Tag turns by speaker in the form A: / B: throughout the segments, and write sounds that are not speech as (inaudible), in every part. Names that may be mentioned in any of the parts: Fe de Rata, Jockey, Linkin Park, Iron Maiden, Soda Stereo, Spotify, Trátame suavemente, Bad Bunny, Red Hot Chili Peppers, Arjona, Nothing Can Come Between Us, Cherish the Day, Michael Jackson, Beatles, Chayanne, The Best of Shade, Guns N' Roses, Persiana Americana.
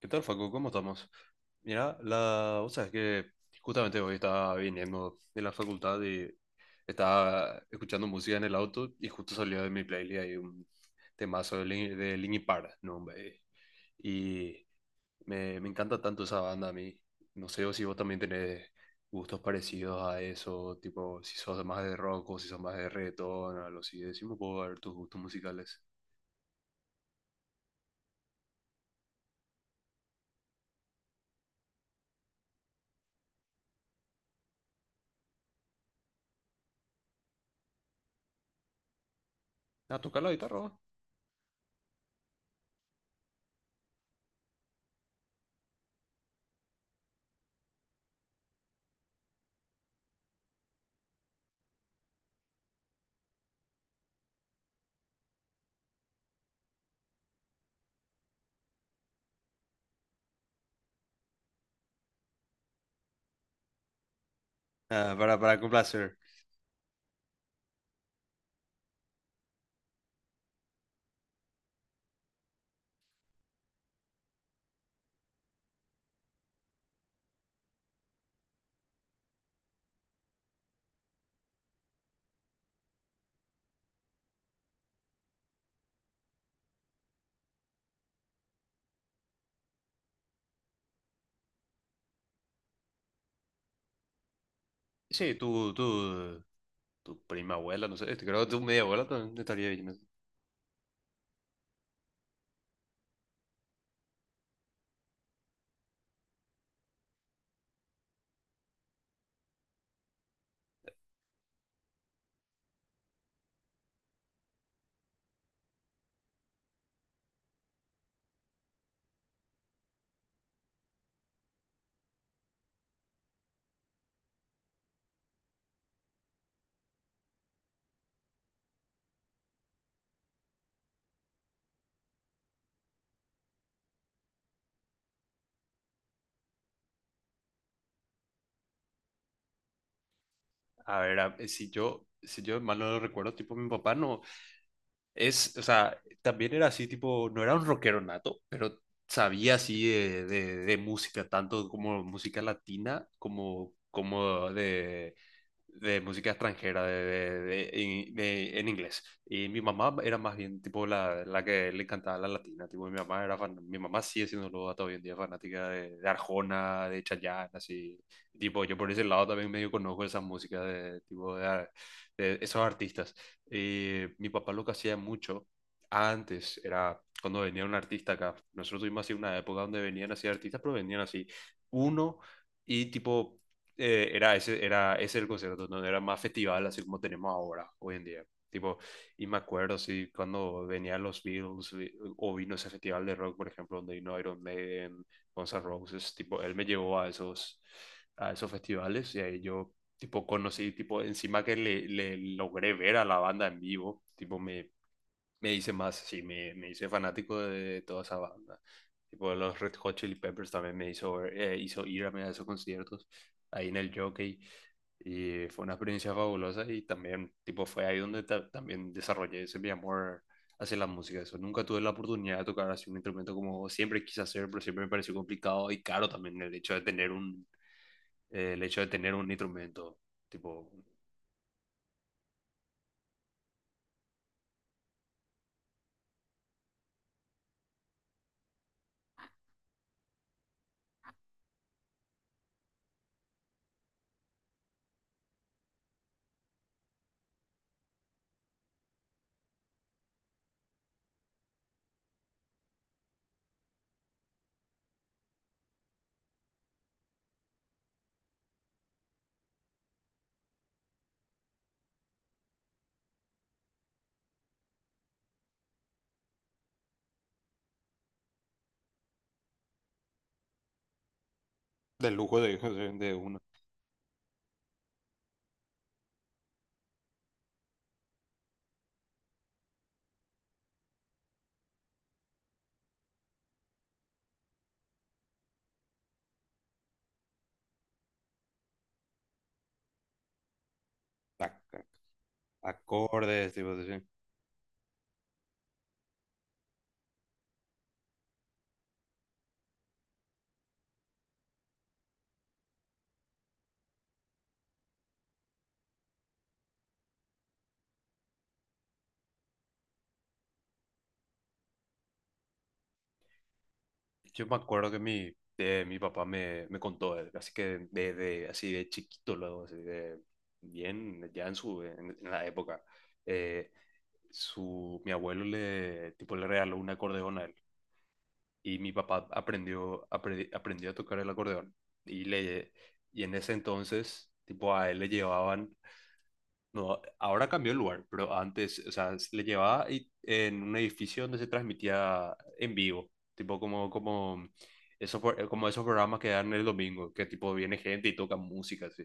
A: ¿Qué tal, Facu? ¿Cómo estamos? Mira, vos sabés que justamente hoy estaba viniendo de la facultad y estaba escuchando música en el auto, y justo salió de mi playlist ahí un temazo de, de Linkin Park, ¿no, hombre? Y me encanta tanto esa banda a mí. No sé si vos también tenés gustos parecidos a eso, tipo si sos más de rock o si sos más de reggaetón, algo así. Decime un poco a ver tus gustos musicales. Ah, ¿tocar la guitarra vos? Ah, para complacer. Sí, tú. Tu prima abuela, no sé, este, creo que tu media abuela también estaría bien, ¿no? A ver, si yo mal no lo recuerdo, tipo mi papá no, es, o sea, también era así, tipo, no era un rockero nato, pero sabía así de música, tanto como música latina como, como de música extranjera de, de, en inglés. Y mi mamá era más bien tipo la que le encantaba la latina. Tipo, mi mamá era mi mamá sigue siendo hasta hoy en día fanática de Arjona, de Chayanne, así. Tipo, yo por ese lado también medio conozco esas músicas de, tipo, de esos artistas. Y mi papá lo que hacía mucho antes era cuando venía un artista acá. Nosotros tuvimos así una época donde venían así artistas, pero venían así uno y tipo era ese el concierto, no era más festival así como tenemos ahora, hoy en día. Tipo, y me acuerdo, sí, cuando venían los Beatles o vino ese festival de rock, por ejemplo, donde vino Iron Maiden, Guns N' Roses, tipo, él me llevó a esos festivales, y ahí yo, tipo, conocí, tipo, encima que le logré ver a la banda en vivo, tipo, me hice más, sí, me hice fanático de toda esa banda. Tipo, los Red Hot Chili Peppers también me hizo, hizo ir a esos conciertos ahí en el Jockey. Y fue una experiencia fabulosa y también, tipo, fue ahí donde también desarrollé ese mi amor hacia la música. Eso, nunca tuve la oportunidad de tocar así un instrumento como siempre quise hacer, pero siempre me pareció complicado y caro también el hecho de tener un, el hecho de tener un instrumento, tipo, del lujo de, (laughs) de uno. Ac- ac- Acordes, tipo, sí. Yo me acuerdo que mi, mi papá me, me contó, así que de así de chiquito, luego, así de bien, ya en su en la época, eh, su, mi abuelo le, tipo, le regaló un acordeón a él, y mi papá aprendió, aprendió a tocar el acordeón. Y, le, y en ese entonces, tipo, a él le llevaban no, ahora cambió el lugar, pero antes, o sea, se le llevaba en un edificio donde se transmitía en vivo, tipo como, como, esos como esos programas que dan el domingo, que tipo viene gente y toca música, así.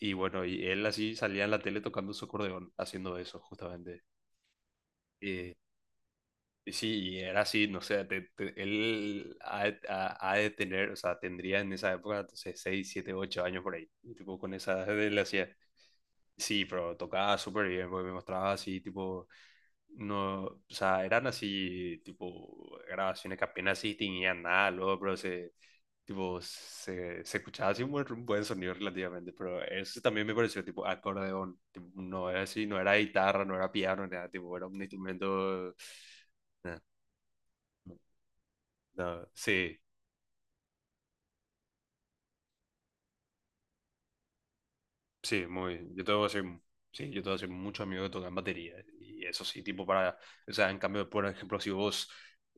A: Y bueno, y él así salía en la tele tocando su acordeón, haciendo eso justamente. Y, y sí, y era así, no sé, él ha, de ha de tener, o sea, tendría en esa época, entonces, 6 7 8 años por ahí, y tipo con esa, edad él hacía, sí, pero tocaba súper bien, porque me mostraba así, tipo. No, o sea, eran así, tipo, grabaciones que apenas sí tenían nada, luego, pero se, tipo, se escuchaba así un buen sonido relativamente, pero eso también me pareció, tipo, acordeón, tipo, no era así, no era guitarra, no era piano, nada, tipo, era un instrumento, nah, no, sí. Sí, muy. Yo tengo que ser, sí, yo tengo que ser mucho amigo que tocan batería. Y eso sí, tipo para. O sea, en cambio, por ejemplo, si vos.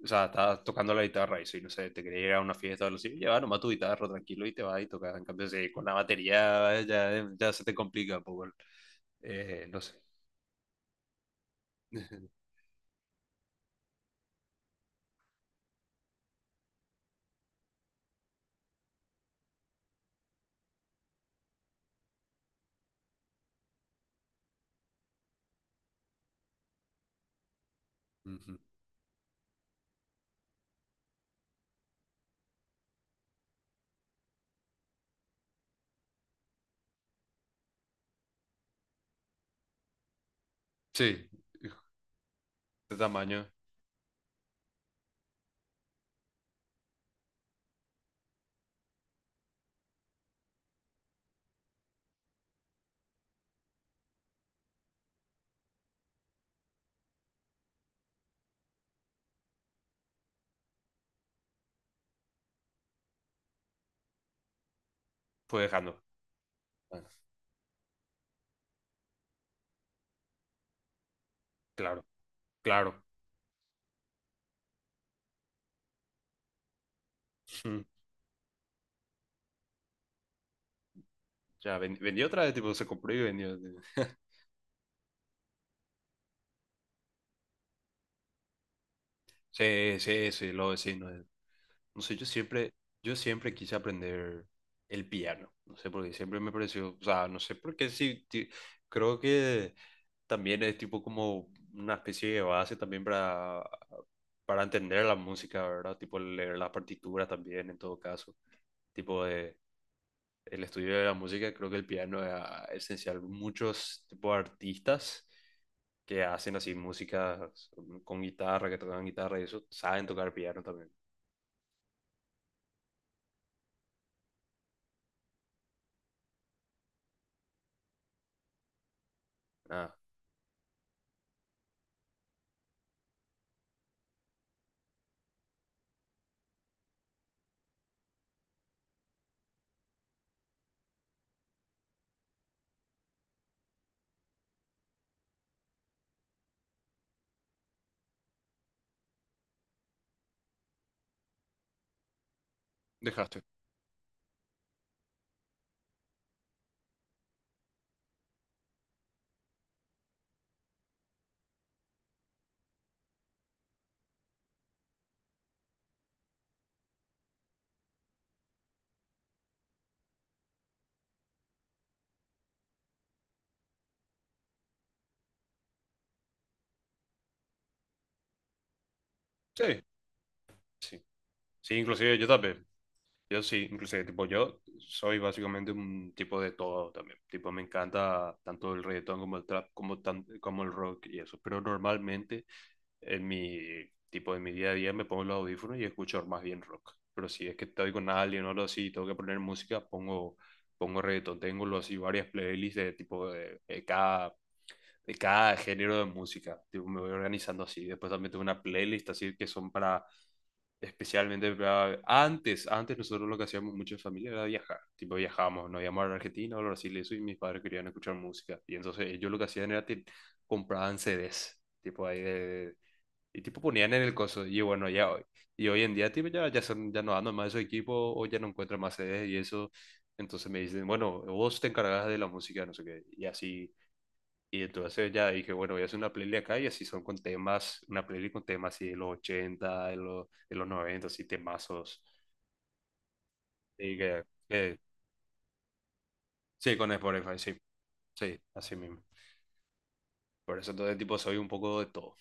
A: O sea, estás tocando la guitarra y si no sé, te querés ir a una fiesta o algo así, lleva nomás tu guitarra tranquilo y te vas y tocas. En cambio, si con la batería ya, ya se te complica un poco. No sé. (laughs) Ujú. Sí, de tamaño, fue dejando. Ah, claro, claro. (laughs) Mm. Ya, vendió otra vez, tipo, se compró y vendió. (laughs) Sí, sí, sí, lo vecino. No sé, yo siempre quise aprender el piano. No sé por qué, siempre me pareció, o sea, no sé por qué, sí, creo que también es tipo como una especie de base también para entender la música, ¿verdad? Tipo leer las partituras también, en todo caso. Tipo de, el estudio de la música, creo que el piano es ah, esencial. Muchos tipo de artistas que hacen así música con guitarra, que tocan guitarra y eso, saben tocar piano también. Ah, dejaste. Sí, sí. Sí, inclusive yo también. Yo sí, inclusive, tipo, yo soy básicamente un tipo de todo también. Tipo, me encanta tanto el reggaetón como el trap, como, como el rock y eso. Pero normalmente en mi, tipo, en mi día a día me pongo los audífonos y escucho más bien rock. Pero si es que estoy con alguien o algo así y tengo que poner música, pongo, pongo reggaetón. Tengo los, así varias playlists de tipo de cada género de música. Tipo, me voy organizando así. Después también tengo una playlist así que son para especialmente antes, antes nosotros lo que hacíamos mucho en familia era viajar, tipo viajábamos, nos íbamos a Argentina o a Brasil, eso, y mis padres querían escuchar música, y entonces ellos lo que hacían era que compraban CDs, tipo ahí de, de- y tipo ponían en el coso, y bueno, ya hoy, y hoy en día tipo ya, ya, son, ya no andan más esos equipos, o ya no encuentran más CDs y eso, entonces me dicen, bueno, vos te encargas de la música, no sé qué, y así, y entonces ya dije, bueno, voy a hacer una playlist acá, y así son con temas, una playlist con temas así de los ochenta, de los noventa, así temazos. Y que- que- sí, con Spotify, sí, sí, así mismo. Por eso entonces tipo soy un poco de todo.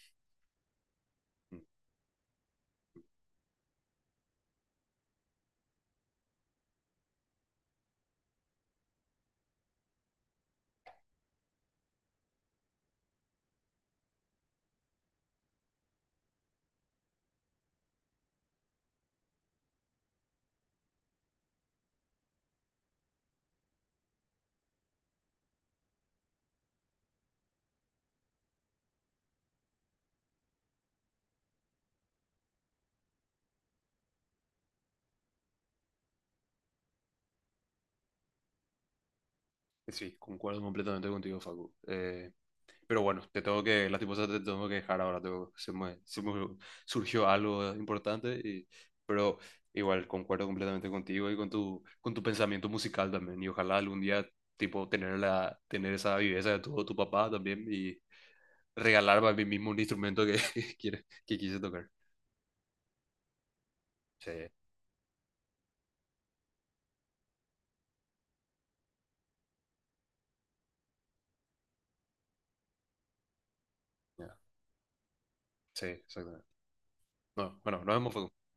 A: Sí, concuerdo completamente contigo, Facu. Pero bueno, te tengo que, lastimosamente te tengo que dejar ahora. Se me surgió algo importante, y, pero igual concuerdo completamente contigo y con tu pensamiento musical también. Y ojalá algún día, tipo, tener la, tener esa viveza de tu, tu papá también, y regalarme a mí mismo un instrumento que, (laughs) que, quiere, que quise tocar. Sí, ya, sí, exactamente. No, bueno, nos vemos, Facu.